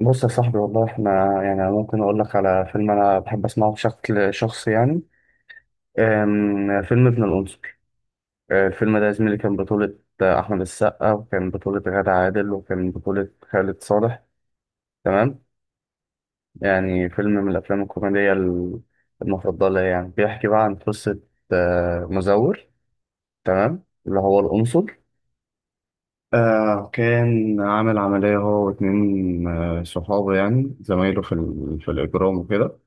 بص يا صاحبي، والله احنا يعني أنا ممكن اقول لك على فيلم انا بحب اسمعه بشكل شخصي يعني. فيلم ابن القنصل. الفيلم ده يا زميلي كان بطولة احمد السقا، وكان بطولة غادة عادل، وكان بطولة خالد صالح. تمام. يعني فيلم من الافلام الكوميدية المفضلة، يعني بيحكي بقى عن قصة مزور. تمام، اللي هو القنصل. كان عامل عملية هو واتنين صحابه، يعني زمايله في الإجرام وكده،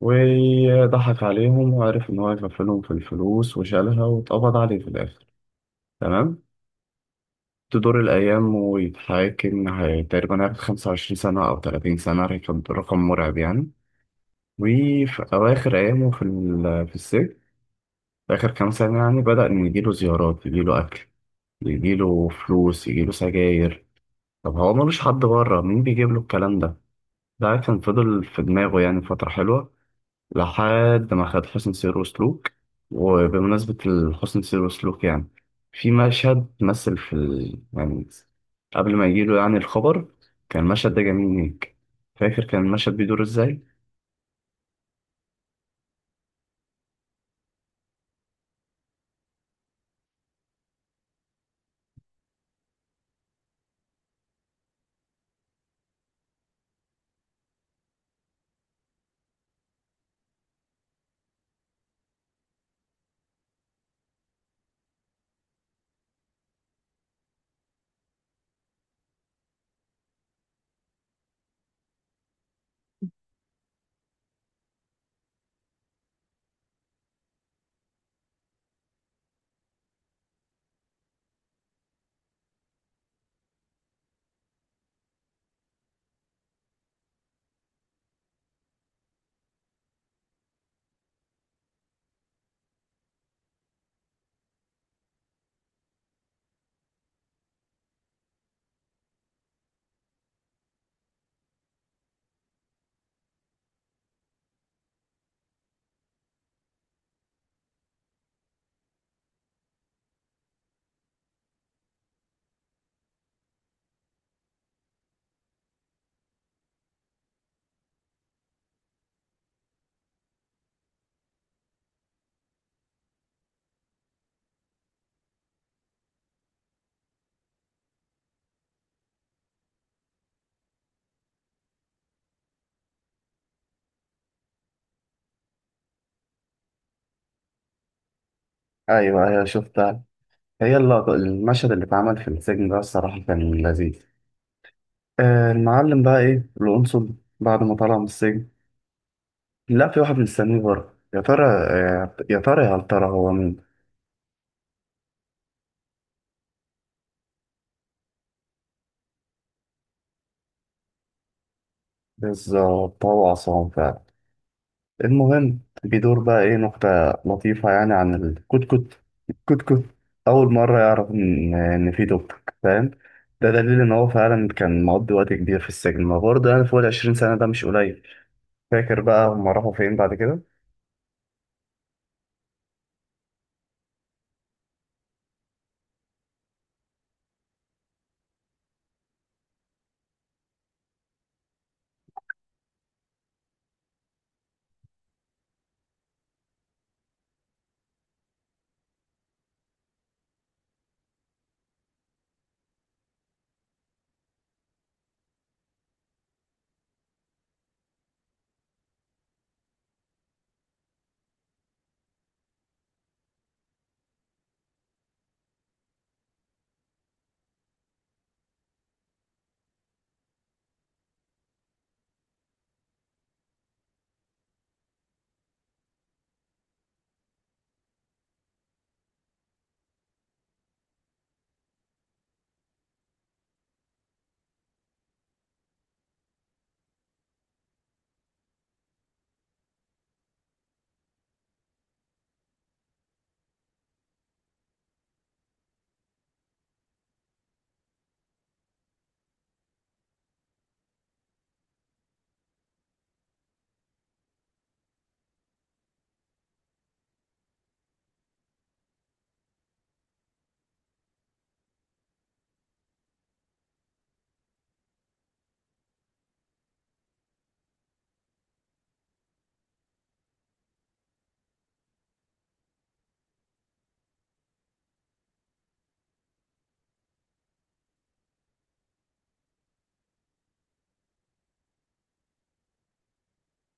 وضحك عليهم وعرف إن هو يغفلهم في الفلوس وشالها، واتقبض عليه في الآخر. تمام. تدور الأيام ويتحاكم، تقريبا هياخد 25 سنة أو 30 سنة، رقم مرعب يعني. وفي أواخر أيامه في السجن، في آخر كام سنة، يعني بدأ إن يجيله زيارات، يجيله أكل، يجيله فلوس، يجيله سجاير. طب هو ملوش حد بره، مين بيجيب له الكلام ده؟ ده كان فضل في دماغه يعني فترة حلوة، لحد ما خد حسن سير وسلوك. وبمناسبة الحسن سير وسلوك يعني، في مشهد مثل يعني قبل ما يجيله يعني الخبر، كان المشهد ده جميل ليك. فاكر كان المشهد بيدور ازاي؟ ايوه، ايوه، شفتها. هي اللقطة، المشهد اللي اتعمل في السجن ده، الصراحة كان لذيذ. المعلم بقى ايه القنصل بعد ما طلع من السجن؟ لا، في واحد مستنيه بره، يا ترى يا ترى هل ترى هو مين؟ بالظبط، هو عصام فعلا. المهم، بيدور بقى ايه نكتة لطيفة يعني عن الكتكوت، الكتكوت. أول مرة يعرف إن في توك، فاهم؟ ده دليل إن هو فعلا كان مقضي وقت كبير في السجن، ما برضه يعني فوق العشرين سنة، ده مش قليل. فاكر بقى هما راحوا فين بعد كده؟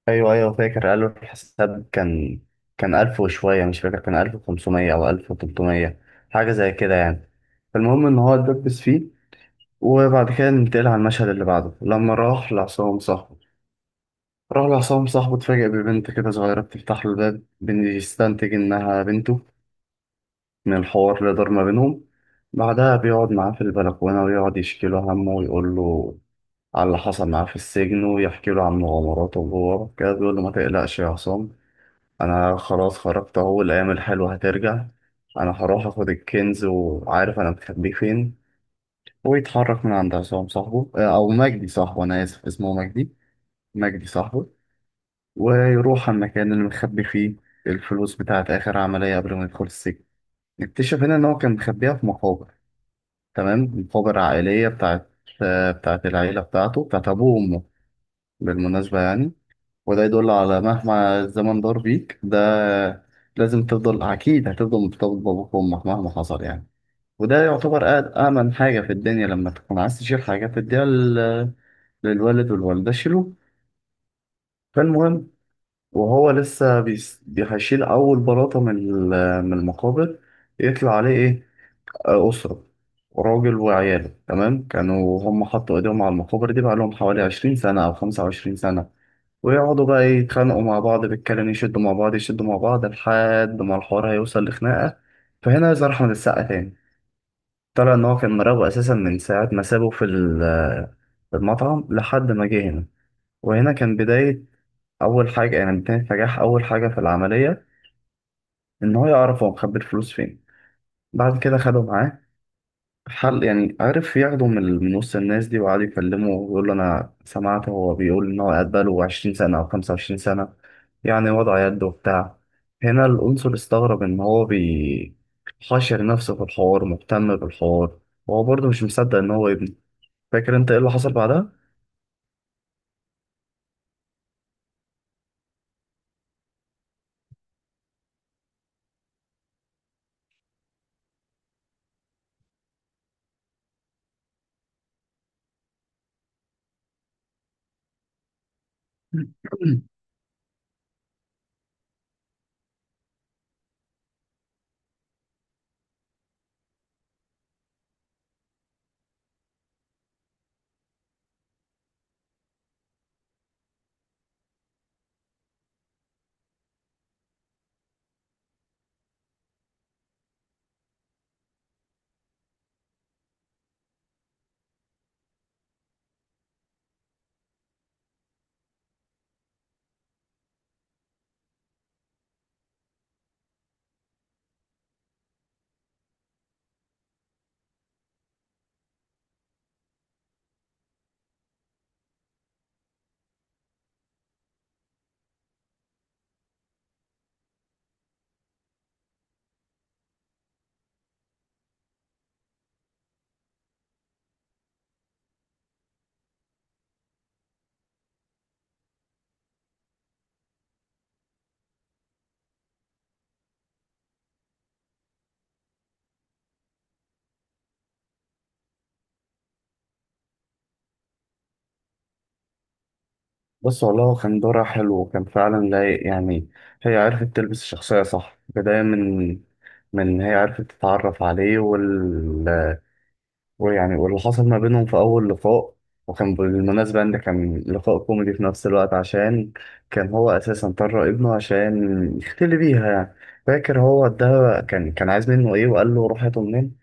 أيوه، أيوه، فاكر. قالوا الحساب كان ألف وشوية، مش فاكر، كان 1500 أو 1300، حاجة زي كده يعني. فالمهم إن هو اتدبس فيه. وبعد كده ننتقل على المشهد اللي بعده، لما راح لعصام صاحبه. راح لعصام صاحبه، اتفاجئ ببنت كده صغيرة بتفتح له الباب، بيستنتج إنها بنته من الحوار اللي دار ما بينهم. بعدها بيقعد معاه في البلكونة ويقعد يشكي له همه، ويقول له على اللي حصل معاه في السجن، ويحكي له عن مغامراته جوه كده. بيقول له: ما تقلقش يا عصام، أنا خلاص خرجت أهو، الأيام الحلوة هترجع، أنا هروح آخد الكنز وعارف أنا مخبيه فين. ويتحرك من عند عصام صاحبه، أو مجدي صاحبه، أنا آسف اسمه مجدي. مجدي صاحبه. ويروح على المكان اللي مخبي فيه الفلوس، بتاعت آخر عملية قبل ما يدخل السجن. نكتشف هنا إن هو كان مخبيها في مقابر، تمام، مقابر عائلية، بتاعت بتاعت العيلة بتاعته، بتاعت أبوه وأمه، بالمناسبة يعني. وده يدل على، مهما الزمن دار بيك، ده لازم تفضل، أكيد هتفضل مرتبط بأبوك وأمك مهما حصل يعني. وده يعتبر أأمن حاجة في الدنيا لما تكون عايز تشيل حاجة تديها للوالد والوالدة، شيلوه. فالمهم، وهو لسه هيشيل أول بلاطة من المقابر، يطلع عليه إيه، أسرة، راجل وعياله. تمام. كانوا هم حطوا إيديهم على المقابر دي بقى لهم حوالي 20 سنة أو 25 سنة، ويقعدوا بقى إيه، يتخانقوا مع بعض بالكلام، يشدوا مع بعض، يشدوا مع بعض، لحد ما الحوار هيوصل لخناقة. فهنا يظهر أحمد السقا تاني. طلع إن هو كان مراقبه أساسا من ساعة ما سابه في المطعم لحد ما جه هنا. وهنا كان بداية. اول حاجه يعني كانت نجاح اول حاجه في العمليه، ان هو يعرف هو مخبي الفلوس فين. بعد كده خدوا معاه حل، يعني عرف ياخده من وسط الناس دي، وقعد يكلمه ويقول له: انا سمعت هو بيقول ان هو قاعد بقاله 20 سنه او 25 سنه يعني، وضع يد وبتاع. هنا القنصل استغرب ان هو حاشر نفسه في الحوار، مهتم بالحوار، وهو برضه مش مصدق ان هو ابنه. فاكر انت ايه اللي حصل بعدها؟ بص، والله هو كان دورها حلو وكان فعلا لايق يعني. هي عرفت تلبس الشخصية صح، بداية من هي عرفت تتعرف عليه، وال، ويعني واللي حصل ما بينهم في أول لقاء. وكان بالمناسبة إن كان لقاء كوميدي في نفس الوقت، عشان كان هو أساسا طلع ابنه عشان يختلي بيها يعني. فاكر هو ده كان عايز منه إيه وقال له روح هاته منين؟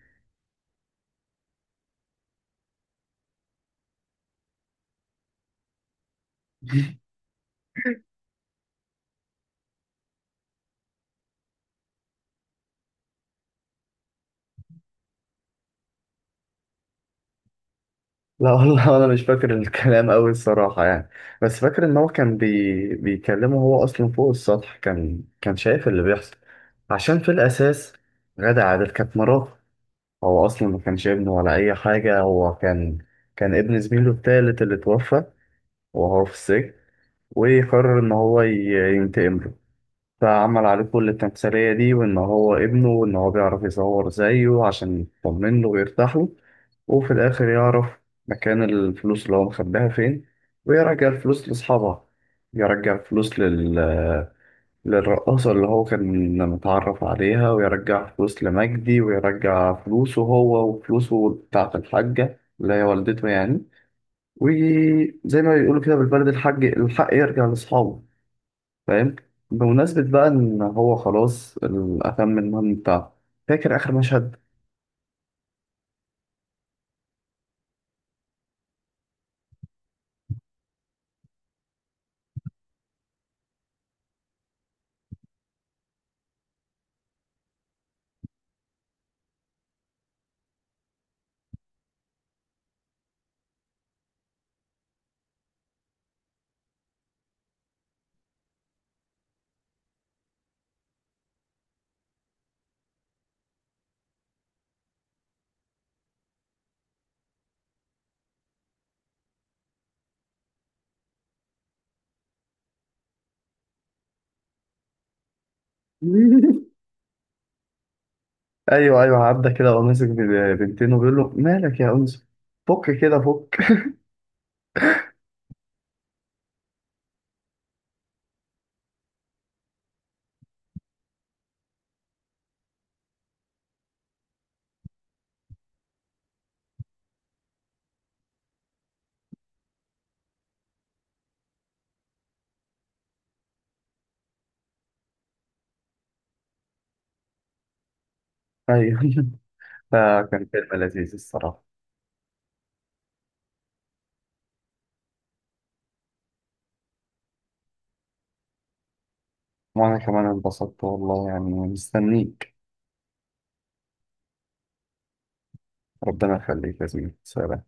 لا والله، انا مش فاكر الكلام قوي الصراحه يعني. بس فاكر ان هو كان بيكلمه. هو اصلا فوق السطح، كان شايف اللي بيحصل، عشان في الاساس غادة عادل كانت مراته. هو اصلا ما كانش ابنه ولا اي حاجه، هو كان ابن زميله التالت اللي توفى وهو في السجن، وقرر ان هو ينتقم له. فعمل عليه كل التمثيلية دي، وإن هو ابنه، وإن هو بيعرف يصور زيه عشان يطمن له ويرتاح له. وفي الآخر يعرف مكان الفلوس اللي هو مخباها فين، ويرجع الفلوس لأصحابها، يرجع الفلوس للرقاصة اللي هو كان متعرف عليها، ويرجع فلوس لمجدي، ويرجع فلوسه هو، وفلوسه بتاعة الحاجة اللي هي والدته يعني. وزي ما بيقولوا كده بالبلد، الحاج الحق يرجع لأصحابه، فاهم؟ بمناسبة بقى إن هو خلاص أتم المهم بتاعه، فاكر آخر مشهد؟ أيوه، أيوه، عدى كده وهو ماسك بنتين، وبيقول له مالك يا أنس، فك كده، فك. أيوه. فكان فيلم لذيذ الصراحة. وأنا كمان انبسطت والله يعني، مستنيك. ربنا يخليك يا زميلي، سلام.